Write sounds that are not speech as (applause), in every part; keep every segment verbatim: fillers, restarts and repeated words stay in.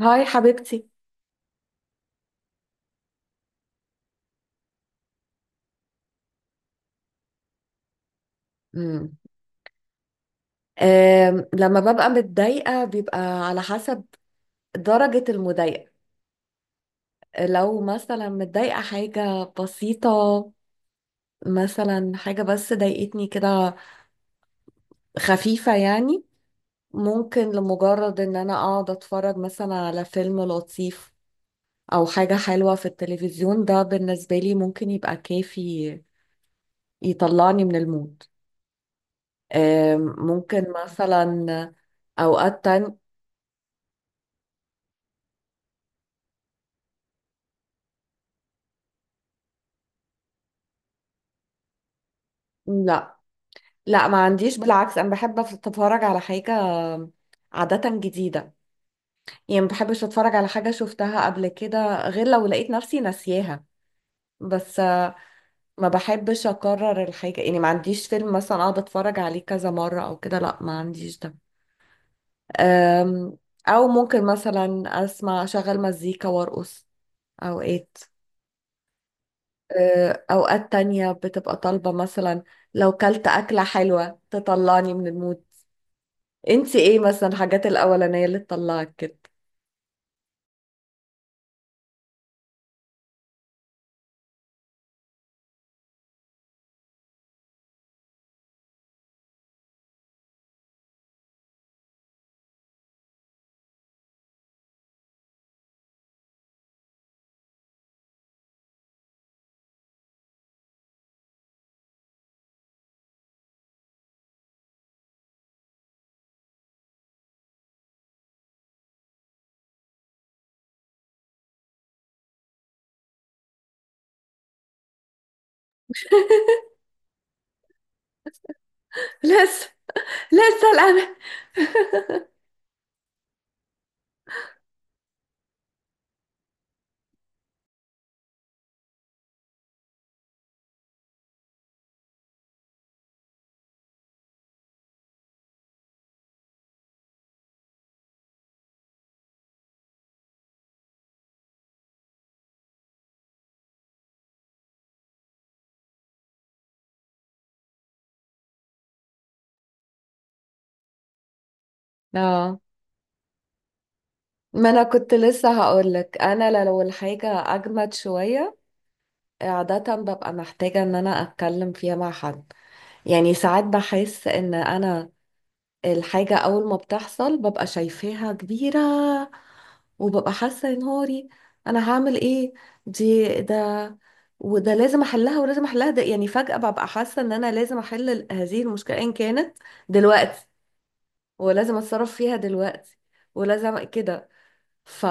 هاي حبيبتي. امم أم، لما ببقى متضايقة بيبقى على حسب درجة المضايقة. لو مثلا متضايقة حاجة بسيطة، مثلا حاجة بس ضايقتني كده، خفيفة يعني، ممكن لمجرد ان انا اقعد اتفرج مثلا على فيلم لطيف او حاجة حلوة في التلفزيون، ده بالنسبة لي ممكن يبقى كافي يطلعني من المود. أم، ممكن مثلا اوقات تانية. لا لا ما عنديش، بالعكس انا بحب اتفرج على حاجة عادة جديدة، يعني ما بحبش اتفرج على حاجة شفتها قبل كده غير لو لقيت نفسي ناسياها. بس آه، ما بحبش اكرر الحاجة، يعني ما عنديش فيلم مثلا اقعد اتفرج عليه كذا مرة او كده، لا ما عنديش ده. أم، او ممكن مثلا اسمع اشغل مزيكا وارقص اوقات. آه، اوقات تانية بتبقى طالبة مثلا لو كلت اكلة حلوة تطلعني من المود. انت ايه مثلا الحاجات الاولانيه اللي تطلعك كده؟ (laughs) لسه، لسه الان. اه، ما انا كنت لسه هقولك انا لو الحاجه اجمد شويه، عاده ببقى محتاجه ان انا اتكلم فيها مع حد. يعني ساعات بحس ان انا الحاجة أول ما بتحصل ببقى شايفاها كبيرة، وببقى حاسة يا نهاري أنا هعمل إيه، دي ده، وده لازم أحلها ولازم أحلها ده يعني فجأة ببقى حاسة إن أنا لازم أحل ال- هذه المشكلة إن كانت دلوقتي، ولازم أتصرف فيها دلوقتي ولازم كده. ف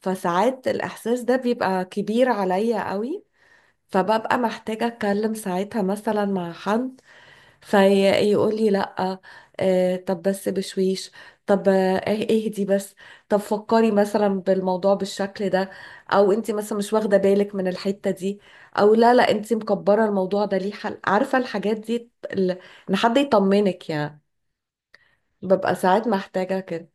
فساعات الإحساس ده بيبقى كبير عليا قوي، فببقى محتاجة أتكلم ساعتها مثلا مع حد فيقول لي لا آه، طب بس بشويش، طب آه ايه، اهدي بس، طب فكري مثلا بالموضوع بالشكل ده، او انت مثلا مش واخده بالك من الحته دي، او لا لا انت مكبره الموضوع ده ليه حل، عارفه الحاجات دي ال- ان حد يطمنك يعني. ببقى ساعات محتاجه كده.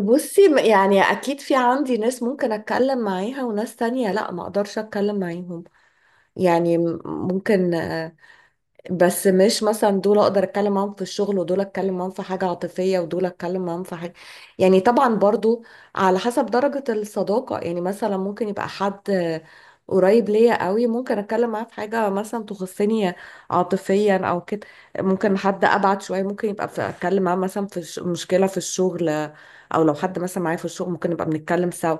بصي، م- يعني اكيد في عندي ناس ممكن اتكلم معاها وناس تانية لا ما اقدرش اتكلم معاهم، يعني م- ممكن. بس مش مثلا دول اقدر اتكلم معاهم في الشغل ودول اتكلم معاهم في حاجة عاطفية ودول اتكلم معاهم في حاجة، يعني طبعا برضو على حسب درجة الصداقة. يعني مثلا ممكن يبقى حد قريب ليا قوي ممكن اتكلم معاه في حاجة مثلا تخصني عاطفيا او كده، ممكن حد ابعد شوية ممكن يبقى في اتكلم معاه مثلا في الش- مشكلة في الشغل، او لو حد مثلا معايا في الشغل ممكن نبقى بنتكلم سوا.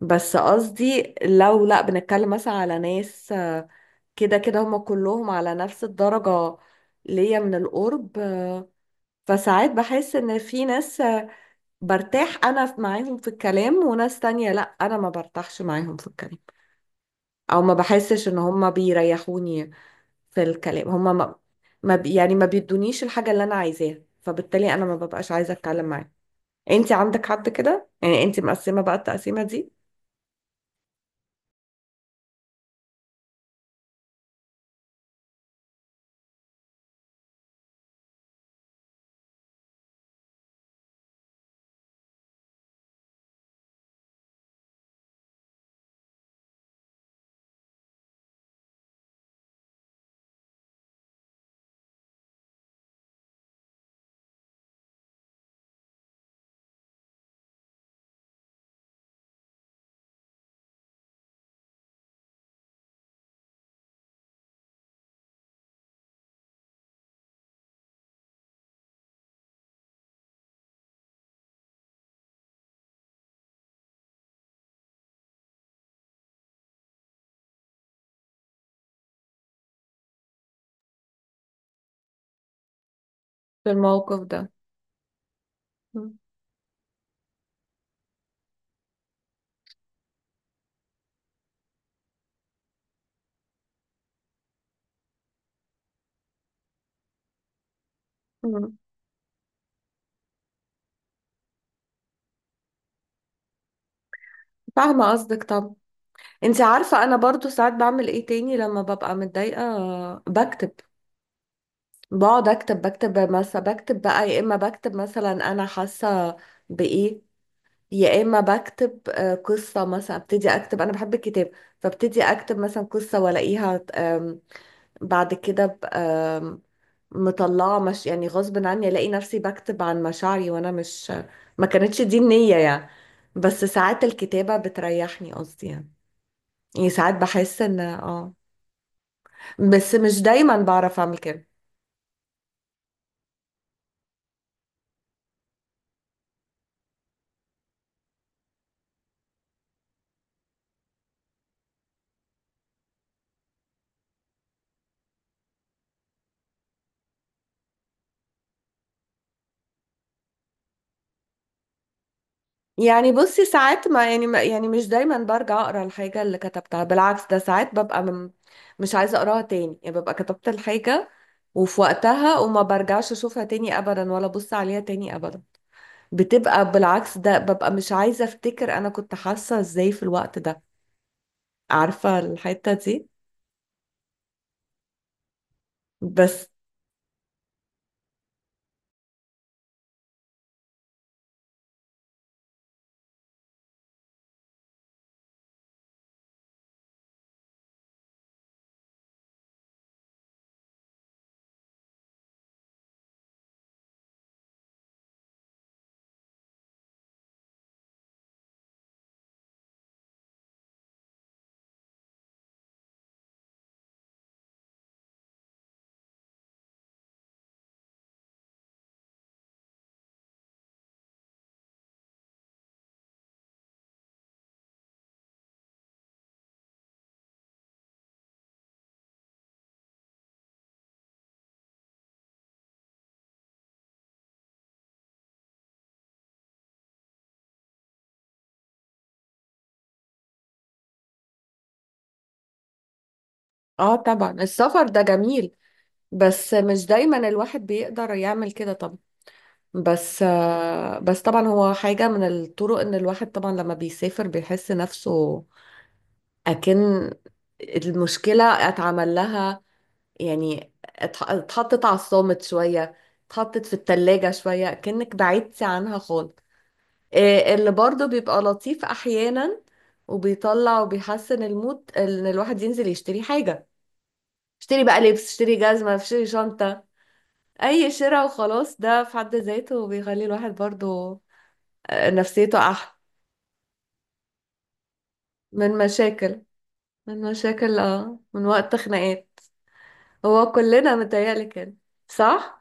بس قصدي لو لا بنتكلم مثلا على ناس كده كده، هما كلهم على نفس الدرجة ليا من القرب. آه، فساعات بحس ان في ناس، آه، برتاح انا ف- معاهم في الكلام، وناس تانية لا انا ما برتاحش معاهم في الكلام، او ما بحسش ان هما بيريحوني في الكلام، هما ما ما بي- يعني ما بيدونيش الحاجة اللي انا عايزاها، فبالتالي انا ما ببقاش عايزة اتكلم معاهم. انت عندك حد كده يعني؟ انت مقسمة بقى التقسيمة دي؟ في الموقف ده. مم. مم. فاهمة قصدك طبعا. انت عارفة انا برضو ساعات بعمل ايه تاني لما ببقى متضايقة؟ بكتب، بقعد اكتب، بكتب مثلا بكتب بقى، يا اما بكتب مثلا انا حاسة بايه، يا اما بكتب آه، قصة مثلا، ابتدي اكتب، انا بحب الكتاب، فابتدي اكتب مثلا قصة والاقيها آم، بعد كده ب- آم، مطلعة، مش يعني غصب عني، الاقي نفسي بكتب عن مشاعري وانا مش، ما كانتش دي النية يعني، بس ساعات الكتابة بتريحني قصدي يعني. يعني ساعات بحس ان اه، بس مش دايما بعرف اعمل كده. يعني بصي ساعات ما يعني ما يعني مش دايما برجع اقرا الحاجه اللي كتبتها، بالعكس ده ساعات ببقى م- مش عايزه اقراها تاني، يعني ببقى كتبت الحاجه وفي وقتها وما برجعش اشوفها تاني ابدا ولا ابص عليها تاني ابدا. بتبقى بالعكس ده، ببقى مش عايزه افتكر انا كنت حاسه ازاي في الوقت ده، عارفه الحته دي. بس اه طبعا السفر ده جميل، بس مش دايما الواحد بيقدر يعمل كده طبعا. بس آه، بس طبعا هو حاجة من الطرق، ان الواحد طبعا لما بيسافر بيحس نفسه اكن المشكلة اتعمل لها، يعني اتح- اتحطت على الصامت شوية، اتحطت في التلاجة شوية كأنك بعدتي عنها خالص. آه، اللي برضه بيبقى لطيف احيانا وبيطلع وبيحسن المود ان الواحد ينزل يشتري حاجة. اشتري بقى لبس، اشتري جزمة، اشتري شنطة، اي شراء وخلاص، ده في حد ذاته بيخلي الواحد برضه آه، نفسيته احلى، من مشاكل، من مشاكل اه، من وقت خناقات. هو كلنا متهيألي كده، صح؟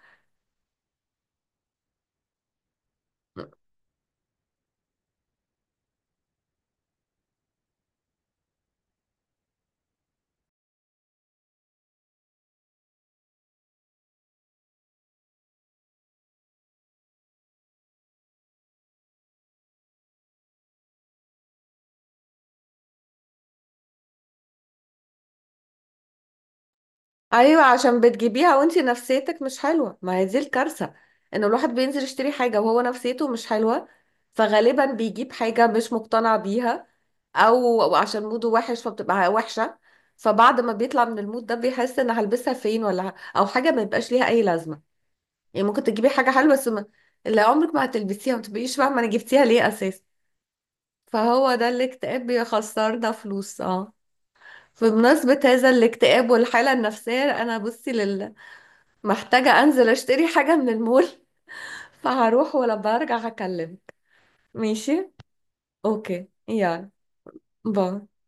ايوه عشان بتجيبيها وانتي نفسيتك مش حلوه، ما هي دي الكارثه، ان الواحد بينزل يشتري حاجه وهو نفسيته مش حلوه، فغالبا بيجيب حاجه مش مقتنع بيها، او أو عشان موده وحش فبتبقى وحشه، فبعد ما بيطلع من المود ده بيحس ان هلبسها فين، ولا ه- او حاجه ما يبقاش ليها اي لازمه. يعني ممكن تجيبي حاجه حلوه بس ما- اللي عمرك ما هتلبسيها، ما تبقيش فاهمه انا جبتيها ليه اساسا. فهو ده الاكتئاب بيخسرنا فلوس اه. بمناسبة هذا الاكتئاب والحالة النفسية أنا بصي لله محتاجة أنزل أشتري حاجة من المول. (laughs) فهروح ولما أرجع هكلمك، ماشي؟ أوكي يلا، باي.